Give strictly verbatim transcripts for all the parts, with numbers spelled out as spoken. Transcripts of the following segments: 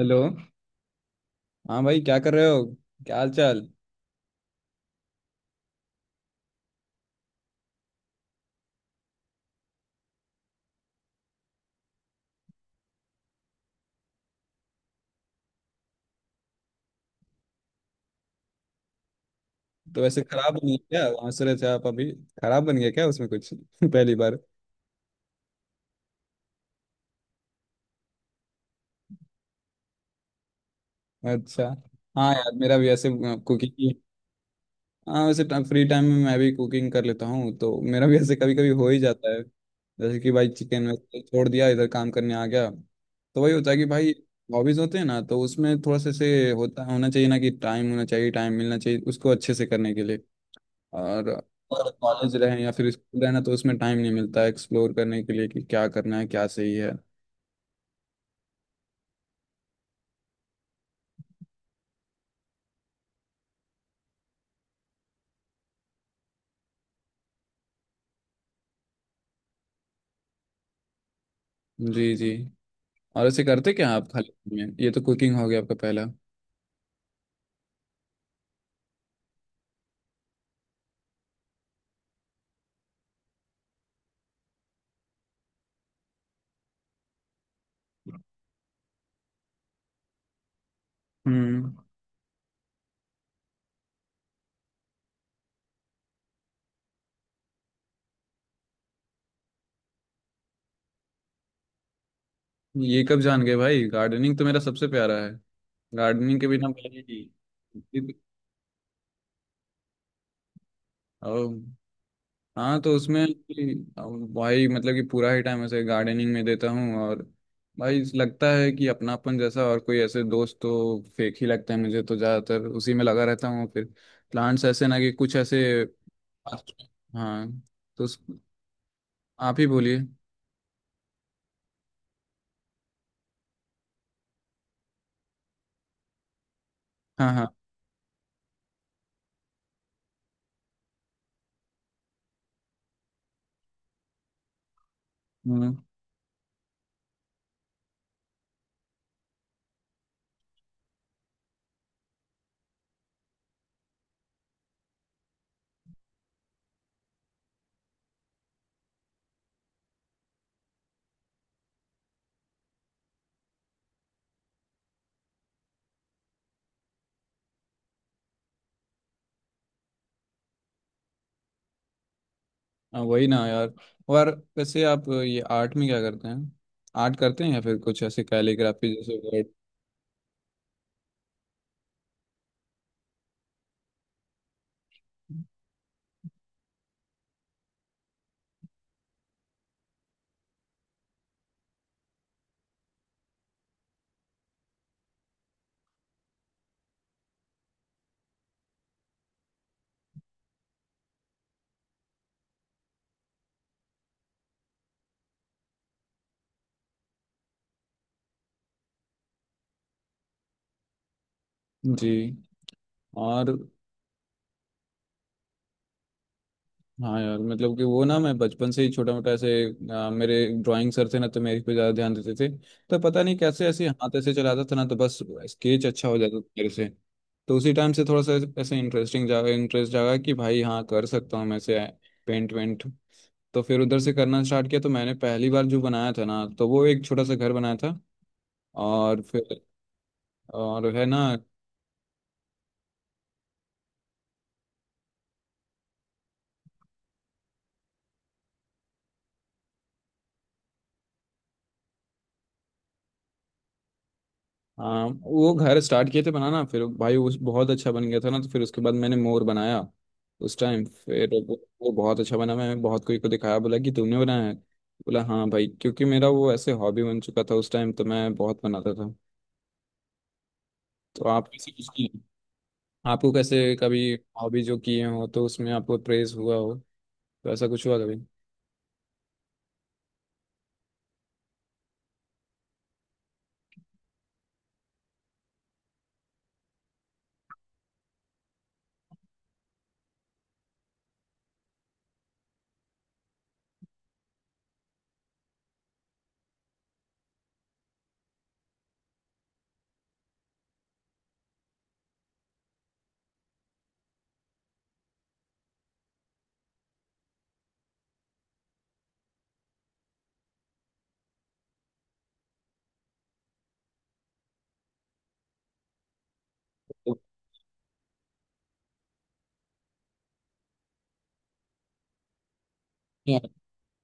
Hello. हाँ भाई, क्या कर रहे हो? क्या हाल चाल? तो वैसे खराब बन गया क्या, वहाँ से रहे थे आप अभी? खराब बन गया क्या उसमें कुछ? पहली बार। अच्छा। हाँ यार, मेरा भी ऐसे कुकिंग की। हाँ वैसे फ्री टाइम में मैं भी कुकिंग कर लेता हूँ, तो मेरा भी ऐसे कभी कभी हो ही जाता है। जैसे कि भाई चिकन वैसे छोड़ दिया, इधर काम करने आ गया, तो वही होता है कि भाई हॉबीज होते हैं ना, तो उसमें थोड़ा सा से होता होना चाहिए ना कि टाइम होना चाहिए, टाइम मिलना चाहिए उसको अच्छे से करने के लिए। और अगर कॉलेज रहें या फिर स्कूल रहना तो उसमें टाइम नहीं मिलता एक्सप्लोर करने के लिए कि क्या करना है, क्या सही है। जी जी। और ऐसे करते क्या आप खाली time में? ये तो कुकिंग हो गया आपका पहला। हम्म। ये कब जान गए भाई, गार्डनिंग तो मेरा सबसे प्यारा है। गार्डनिंग के बिना पहले ही। ओ हाँ, तो उसमें कि भाई मतलब कि पूरा ही टाइम ऐसे गार्डनिंग में देता हूँ। और भाई लगता है कि अपनापन जैसा, और कोई ऐसे दोस्त तो फेक ही लगता है, मुझे तो ज़्यादातर उसी में लगा रहता हूँ। फिर प्लांट्स ऐसे ना कि कुछ ऐसे। हाँ। तो उस- आप ही बोलिए। हाँ हाँ। हम्म। हाँ, वही ना यार। और वैसे आप ये आर्ट में क्या करते हैं? आर्ट करते हैं या फिर कुछ ऐसे कैलीग्राफी जैसे वर्ड? जी। और हाँ यार, मतलब कि वो ना मैं बचपन से ही छोटा मोटा ऐसे, आ, मेरे ड्राइंग सर थे ना, तो मेरे पे ज्यादा ध्यान देते थे। तो पता नहीं कैसे ऐसे हाथ ऐसे चलाता था ना, तो बस स्केच अच्छा हो जाता था मेरे से। तो उसी टाइम से थोड़ा सा ऐसे इंटरेस्टिंग जागा, इंटरेस्ट जागा कि भाई हाँ, कर सकता हूँ मैं से पेंट वेंट। तो फिर उधर से करना स्टार्ट किया, तो मैंने पहली बार जो बनाया था ना, तो वो एक छोटा सा घर बनाया था। और फिर और है ना, हाँ वो घर स्टार्ट किए थे बनाना, फिर भाई उस बहुत अच्छा बन गया था ना, तो फिर उसके बाद मैंने मोर बनाया उस टाइम। फिर वो वो बहुत अच्छा बना, मैंने बहुत कोई को दिखाया, बोला कि तुमने बनाया है, बोला हाँ भाई, क्योंकि मेरा वो ऐसे हॉबी बन चुका था उस टाइम, तो मैं बहुत बनाता था। तो आप कैसे कुछ किए? आपको कैसे कभी हॉबी जो किए हो तो उसमें आपको प्रेज हुआ हो, तो ऐसा कुछ हुआ कभी?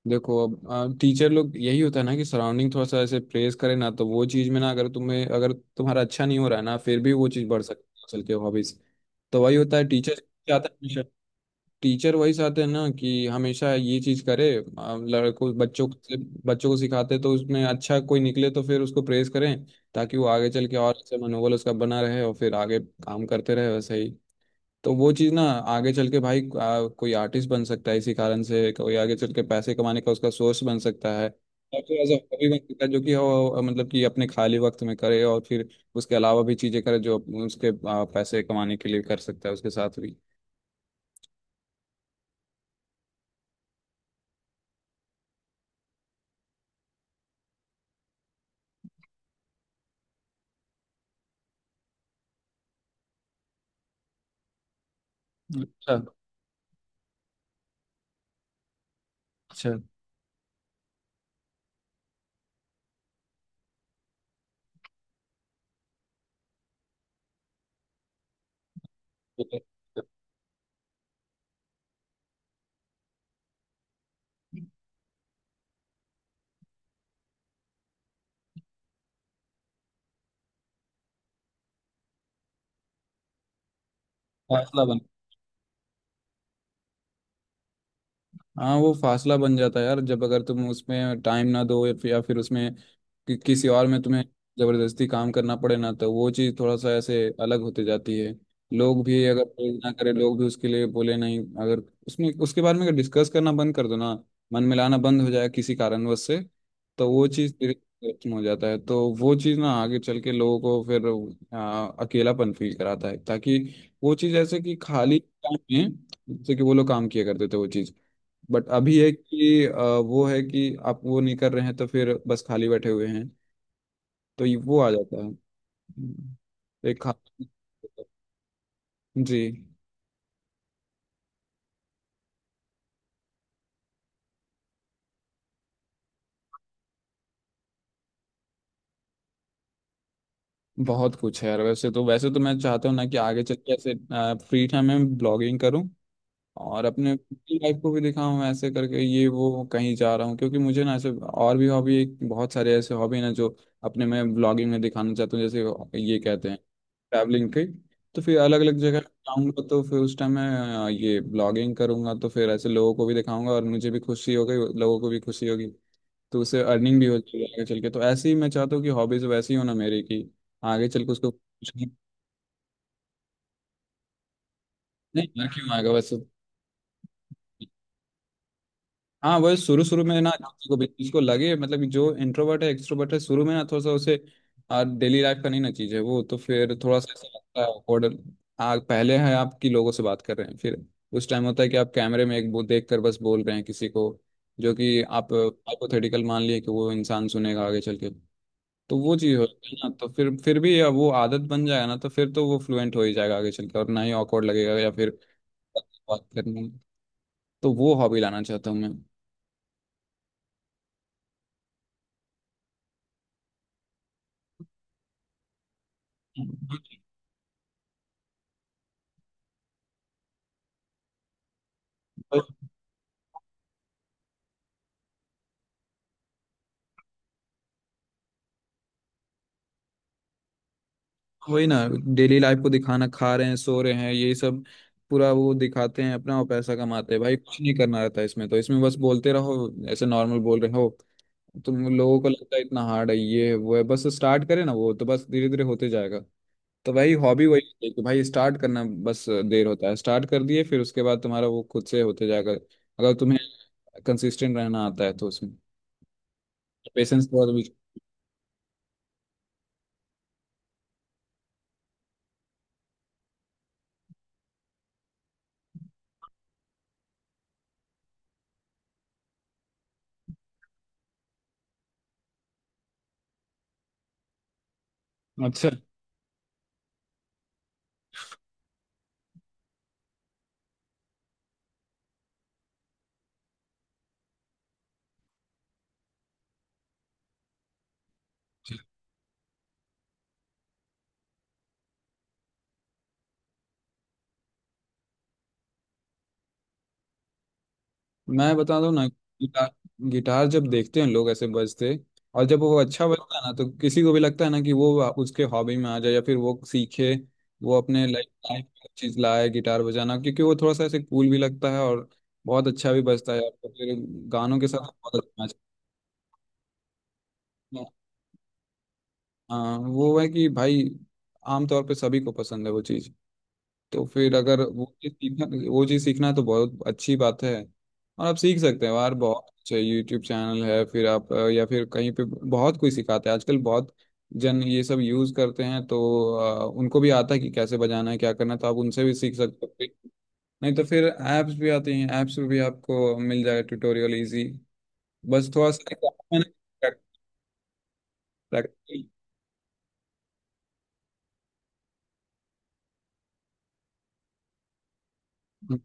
देखो, अब आ, टीचर लोग यही होता है ना कि सराउंडिंग थोड़ा सा ऐसे प्रेस करे ना, तो वो चीज में ना, अगर तुम्हें अगर तुम्हारा अच्छा नहीं हो रहा है ना, फिर भी वो चीज बढ़ सकती है चल के हॉबीज। तो वही होता है, टीचर चाहते हैं हमेशा। टीचर वही चाहते हैं ना कि हमेशा ये चीज करे। आ, लड़कों बच्चों को से- बच्चों को सिखाते तो उसमें अच्छा कोई निकले तो फिर उसको प्रेज करें, ताकि वो आगे चल के और अच्छा मनोबल उसका बना रहे और फिर आगे काम करते रहे वैसे ही। तो वो चीज़ ना आगे चल के भाई आ, कोई आर्टिस्ट बन सकता है, इसी कारण से कोई आगे चल के पैसे कमाने का उसका सोर्स बन सकता है। और फिर एज हॉबी बन सकता है जो कि वो मतलब कि अपने खाली वक्त में करे और फिर उसके अलावा भी चीज़ें करे जो उसके आ, पैसे कमाने के लिए कर सकता है उसके साथ भी। अच्छा अच्छा। फासला बन, हाँ वो फासला बन जाता है यार जब अगर तुम उसमें टाइम ना दो या फिर या फिर उसमें कि किसी और में तुम्हें जबरदस्ती काम करना पड़े ना, तो वो चीज़ थोड़ा सा ऐसे अलग होते जाती है। लोग भी अगर प्रेज ना करे, लोग भी उसके लिए बोले नहीं, अगर उसमें उसके बारे में अगर डिस्कस करना बंद कर दो ना, मन मिलाना बंद हो जाए किसी कारणवश से, तो वो चीज़ धीरे धीरे खत्म हो जाता है। तो वो चीज़ ना आगे चल के लोगों को फिर आ, अकेलापन फील कराता है, ताकि वो चीज़ ऐसे कि खाली टाइम में जैसे कि वो लोग काम किया करते थे वो चीज़, बट अभी है कि आ, वो है कि आप वो नहीं कर रहे हैं, तो फिर बस खाली बैठे हुए हैं। तो ये वो आ जाता है। हम्म, एक खा। जी। बहुत कुछ है यार, वैसे तो वैसे तो मैं चाहता हूँ ना कि आगे चल के ऐसे फ्री टाइम में ब्लॉगिंग करूँ और अपने लाइफ को भी दिखाऊं ऐसे करके ये वो कहीं जा रहा हूँ, क्योंकि मुझे ना ऐसे और भी हॉबी एक बहुत सारे ऐसे हॉबी ना जो अपने मैं ब्लॉगिंग में दिखाना चाहता हूँ। जैसे ये कहते हैं ट्रैवलिंग की, तो फिर अलग अलग जगह जाऊंगा, तो फिर उस टाइम मैं अ, ये ब्लॉगिंग करूंगा, तो फिर ऐसे लोगों को भी दिखाऊंगा और मुझे भी खुशी होगी, लोगों को भी खुशी होगी। तो उससे अर्निंग भी होती है आगे चल के, तो ऐसे ही मैं चाहता हूँ कि हॉबीज वैसी हो ना मेरी की आगे चल के उसको कुछ नहीं। नहीं, ना क्यों आएगा वैसे? हाँ वही शुरू शुरू में ना किसी को भी चीज को लगे मतलब कि जो इंट्रोवर्ट है एक्सट्रोवर्ट है शुरू में ना थोड़ा सा उसे डेली लाइफ का नहीं ना चीज है वो, तो फिर थोड़ा सा ऐसा लगता है awkward। आ, पहले है आपकी लोगों से बात कर रहे हैं, फिर उस टाइम होता है कि आप कैमरे में एक वो देख कर बस बोल रहे हैं किसी को, जो कि आप हाइपोथेटिकल मान लिए कि वो इंसान सुनेगा आगे चल के। तो वो चीज़ होती है ना, तो फिर फिर भी अब वो आदत बन जाएगा ना, तो फिर तो वो फ्लुएंट हो ही जाएगा आगे चल के और ना ही awkward लगेगा या फिर बात करने में। तो वो हॉबी लाना चाहता हूँ मैं। वही ना। डेली लाइफ को दिखाना, खा रहे हैं, सो रहे हैं, यही सब पूरा वो दिखाते हैं अपना और पैसा कमाते हैं भाई, कुछ नहीं करना रहता है इसमें, तो इसमें बस बोलते रहो ऐसे नॉर्मल बोल रहे हो। तुम लोगों को लगता है इतना हार्ड है, ये है, वो है, बस स्टार्ट करें ना, वो तो बस धीरे धीरे होते जाएगा। तो भाई हॉबी वही है कि भाई स्टार्ट करना बस, देर होता है स्टार्ट कर दिए फिर उसके बाद तुम्हारा वो खुद से होते जाकर, अगर तुम्हें कंसिस्टेंट रहना आता है, तो उसमें पेशेंस बहुत भी। अच्छा। मैं बता दूं ना, गिटार गिटार जब देखते हैं लोग ऐसे बजते, और जब वो अच्छा बजता है ना, तो किसी को भी लगता है ना कि वो उसके हॉबी में आ जाए या फिर वो सीखे, वो अपने लाइफ लाइफ में चीज लाए गिटार बजाना, क्योंकि वो थोड़ा सा ऐसे कूल भी लगता है और बहुत अच्छा भी बजता है, और फिर गानों के साथ बहुत अच्छा match। हाँ वो है कि भाई आमतौर पे सभी को पसंद है वो चीज़। तो फिर अगर वो चीज़ सीखना वो चीज़ सीखना है, तो बहुत अच्छी बात है। और आप सीख सकते हैं यार, बहुत अच्छा यूट्यूब चैनल है, फिर आप अ, या फिर कहीं पे बहुत कोई सिखाता है आजकल, बहुत जन ये सब यूज़ करते हैं तो अ, उनको भी आता है कि कैसे बजाना है, क्या करना है, तो आप उनसे भी सीख सकते हो फिर। नहीं तो फिर ऐप्स भी आती हैं, ऐप्स पे भी आपको मिल जाएगा ट्यूटोरियल इजी। बस थोड़ा सा प्रैक्टिस। हम्म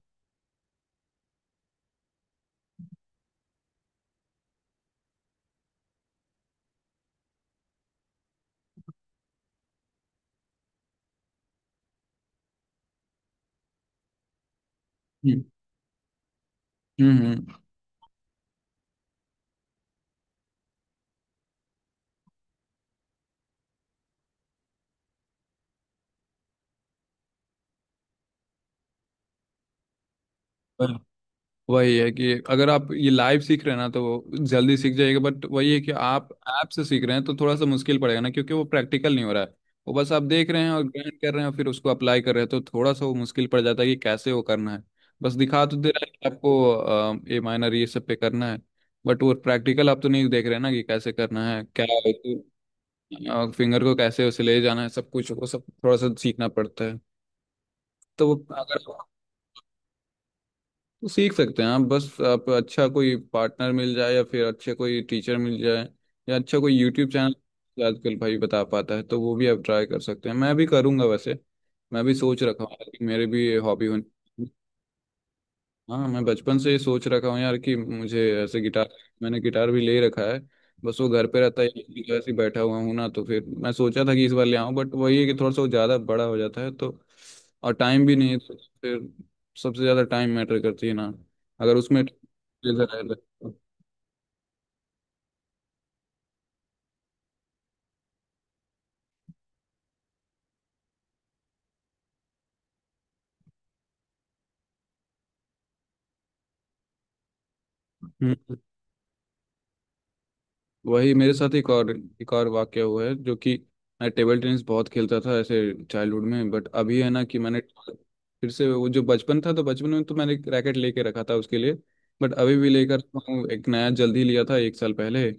हम्म हम्म, हम्म। वही है कि अगर आप ये लाइव सीख रहे हैं ना तो वो जल्दी सीख जाएगा, बट वही है कि आप ऐप से सीख रहे हैं तो थोड़ा सा मुश्किल पड़ेगा ना, क्योंकि वो प्रैक्टिकल नहीं हो रहा है। वो बस आप देख रहे हैं और ग्राइंड कर रहे हैं और फिर उसको अप्लाई कर रहे हैं, तो थोड़ा सा वो मुश्किल पड़ जाता है कि कैसे वो करना है। बस दिखा तो दे रहा है कि आपको अ, ए माइनर ये सब पे करना है, बट वो प्रैक्टिकल आप तो नहीं देख रहे ना कि कैसे करना है क्या, फिंगर को कैसे उसे ले जाना है, सब कुछ वो सब थोड़ा सा सीखना पड़ता है। तो वो अगर तो सीख सकते हैं आप, बस आप अच्छा कोई पार्टनर मिल जाए या फिर अच्छे कोई टीचर मिल जाए या अच्छा कोई यूट्यूब चैनल आजकल भाई बता पाता है, तो वो भी आप ट्राई कर सकते हैं। मैं भी करूँगा वैसे, मैं भी सोच रखा हूँ कि मेरे भी हॉबी होनी। हाँ, मैं बचपन से ये सोच रखा हूँ यार कि मुझे ऐसे गिटार, मैंने गिटार भी ले रखा है। बस वो घर पे रहता है, एक जगह से बैठा हुआ हूँ ना, तो फिर मैं सोचा था कि इस बार ले आऊँ, बट वही है कि थोड़ा सा वो ज़्यादा बड़ा हो जाता है तो, और टाइम भी नहीं है, तो फिर सबसे ज़्यादा टाइम मैटर करती है ना अगर उसमें। हम्म। वही मेरे साथ एक और एक और वाक्य हुआ है जो कि मैं टेबल टेनिस बहुत खेलता था ऐसे चाइल्डहुड में, बट अभी है ना कि मैंने फिर से वो जो बचपन था, तो बचपन में तो मैंने एक रैकेट लेके रखा था उसके लिए। बट अभी भी लेकर तो हूँ, एक नया जल्दी लिया था एक साल पहले।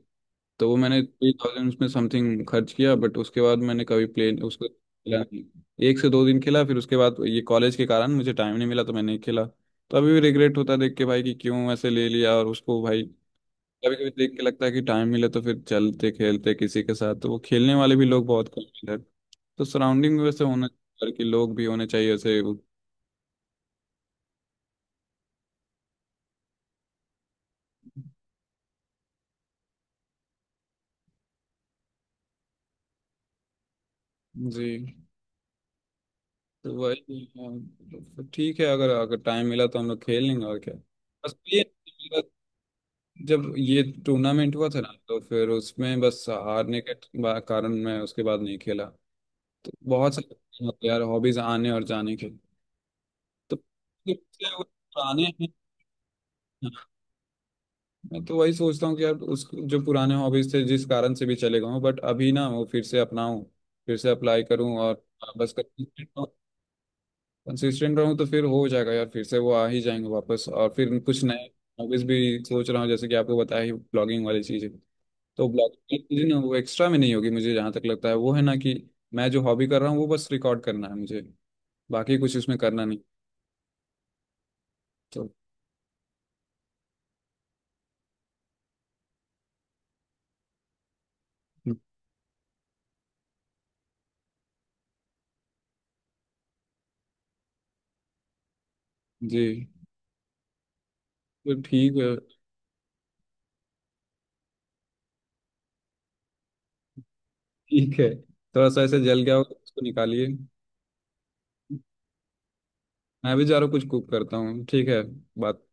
तो वो मैंने थ्री थाउजेंड उसमें समथिंग खर्च किया, बट उसके बाद मैंने कभी प्ले उसको खेला नहीं। एक से दो दिन खेला, फिर उसके बाद ये कॉलेज के कारण मुझे टाइम नहीं मिला तो मैंने नहीं खेला। तो अभी भी रिग्रेट होता है देख के भाई कि क्यों ऐसे ले लिया और उसको भाई कभी कभी देख के लगता है कि टाइम मिले तो फिर चलते खेलते किसी के साथ, तो वो खेलने वाले भी लोग बहुत कम हैं इधर। तो सराउंडिंग में वैसे होना चाहिए कि लोग भी होने चाहिए ऐसे वो। जी। तो वही हाँ, तो ठीक है, अगर अगर टाइम मिला तो हम लोग खेल लेंगे, और क्या। बस ये जब ये टूर्नामेंट हुआ था ना, तो फिर उसमें बस हारने के बा- कारण मैं उसके बाद नहीं खेला। तो बहुत सारे मतलब यार हॉबीज आने और जाने के, तो पुराने हैं। मैं तो वही सोचता हूँ कि यार उस जो पुराने हॉबीज थे जिस कारण से भी चले गए, बट अभी ना वो फिर से अपनाऊं, फिर से अप्लाई करूँ, और बस कंसिस्टेंट रहूँ तो फिर हो जाएगा यार, फिर से वो आ ही जाएंगे वापस। और फिर कुछ नए हॉबीज भी सोच रहा हूँ, जैसे कि आपको बताया ही, ब्लॉगिंग वाली चीज़। तो ब्लॉगिंग ना वो एक्स्ट्रा में नहीं होगी मुझे जहाँ तक लगता है, वो है ना कि मैं जो हॉबी कर रहा हूँ वो बस रिकॉर्ड करना है मुझे, बाकी कुछ उसमें करना नहीं। तो जी। तो ठीक है। ठीक है, थोड़ा सा ऐसे जल गया हो तो उसको निकालिए। मैं भी जा रहा हूँ, कुछ कुक करता हूँ ठीक है। बात।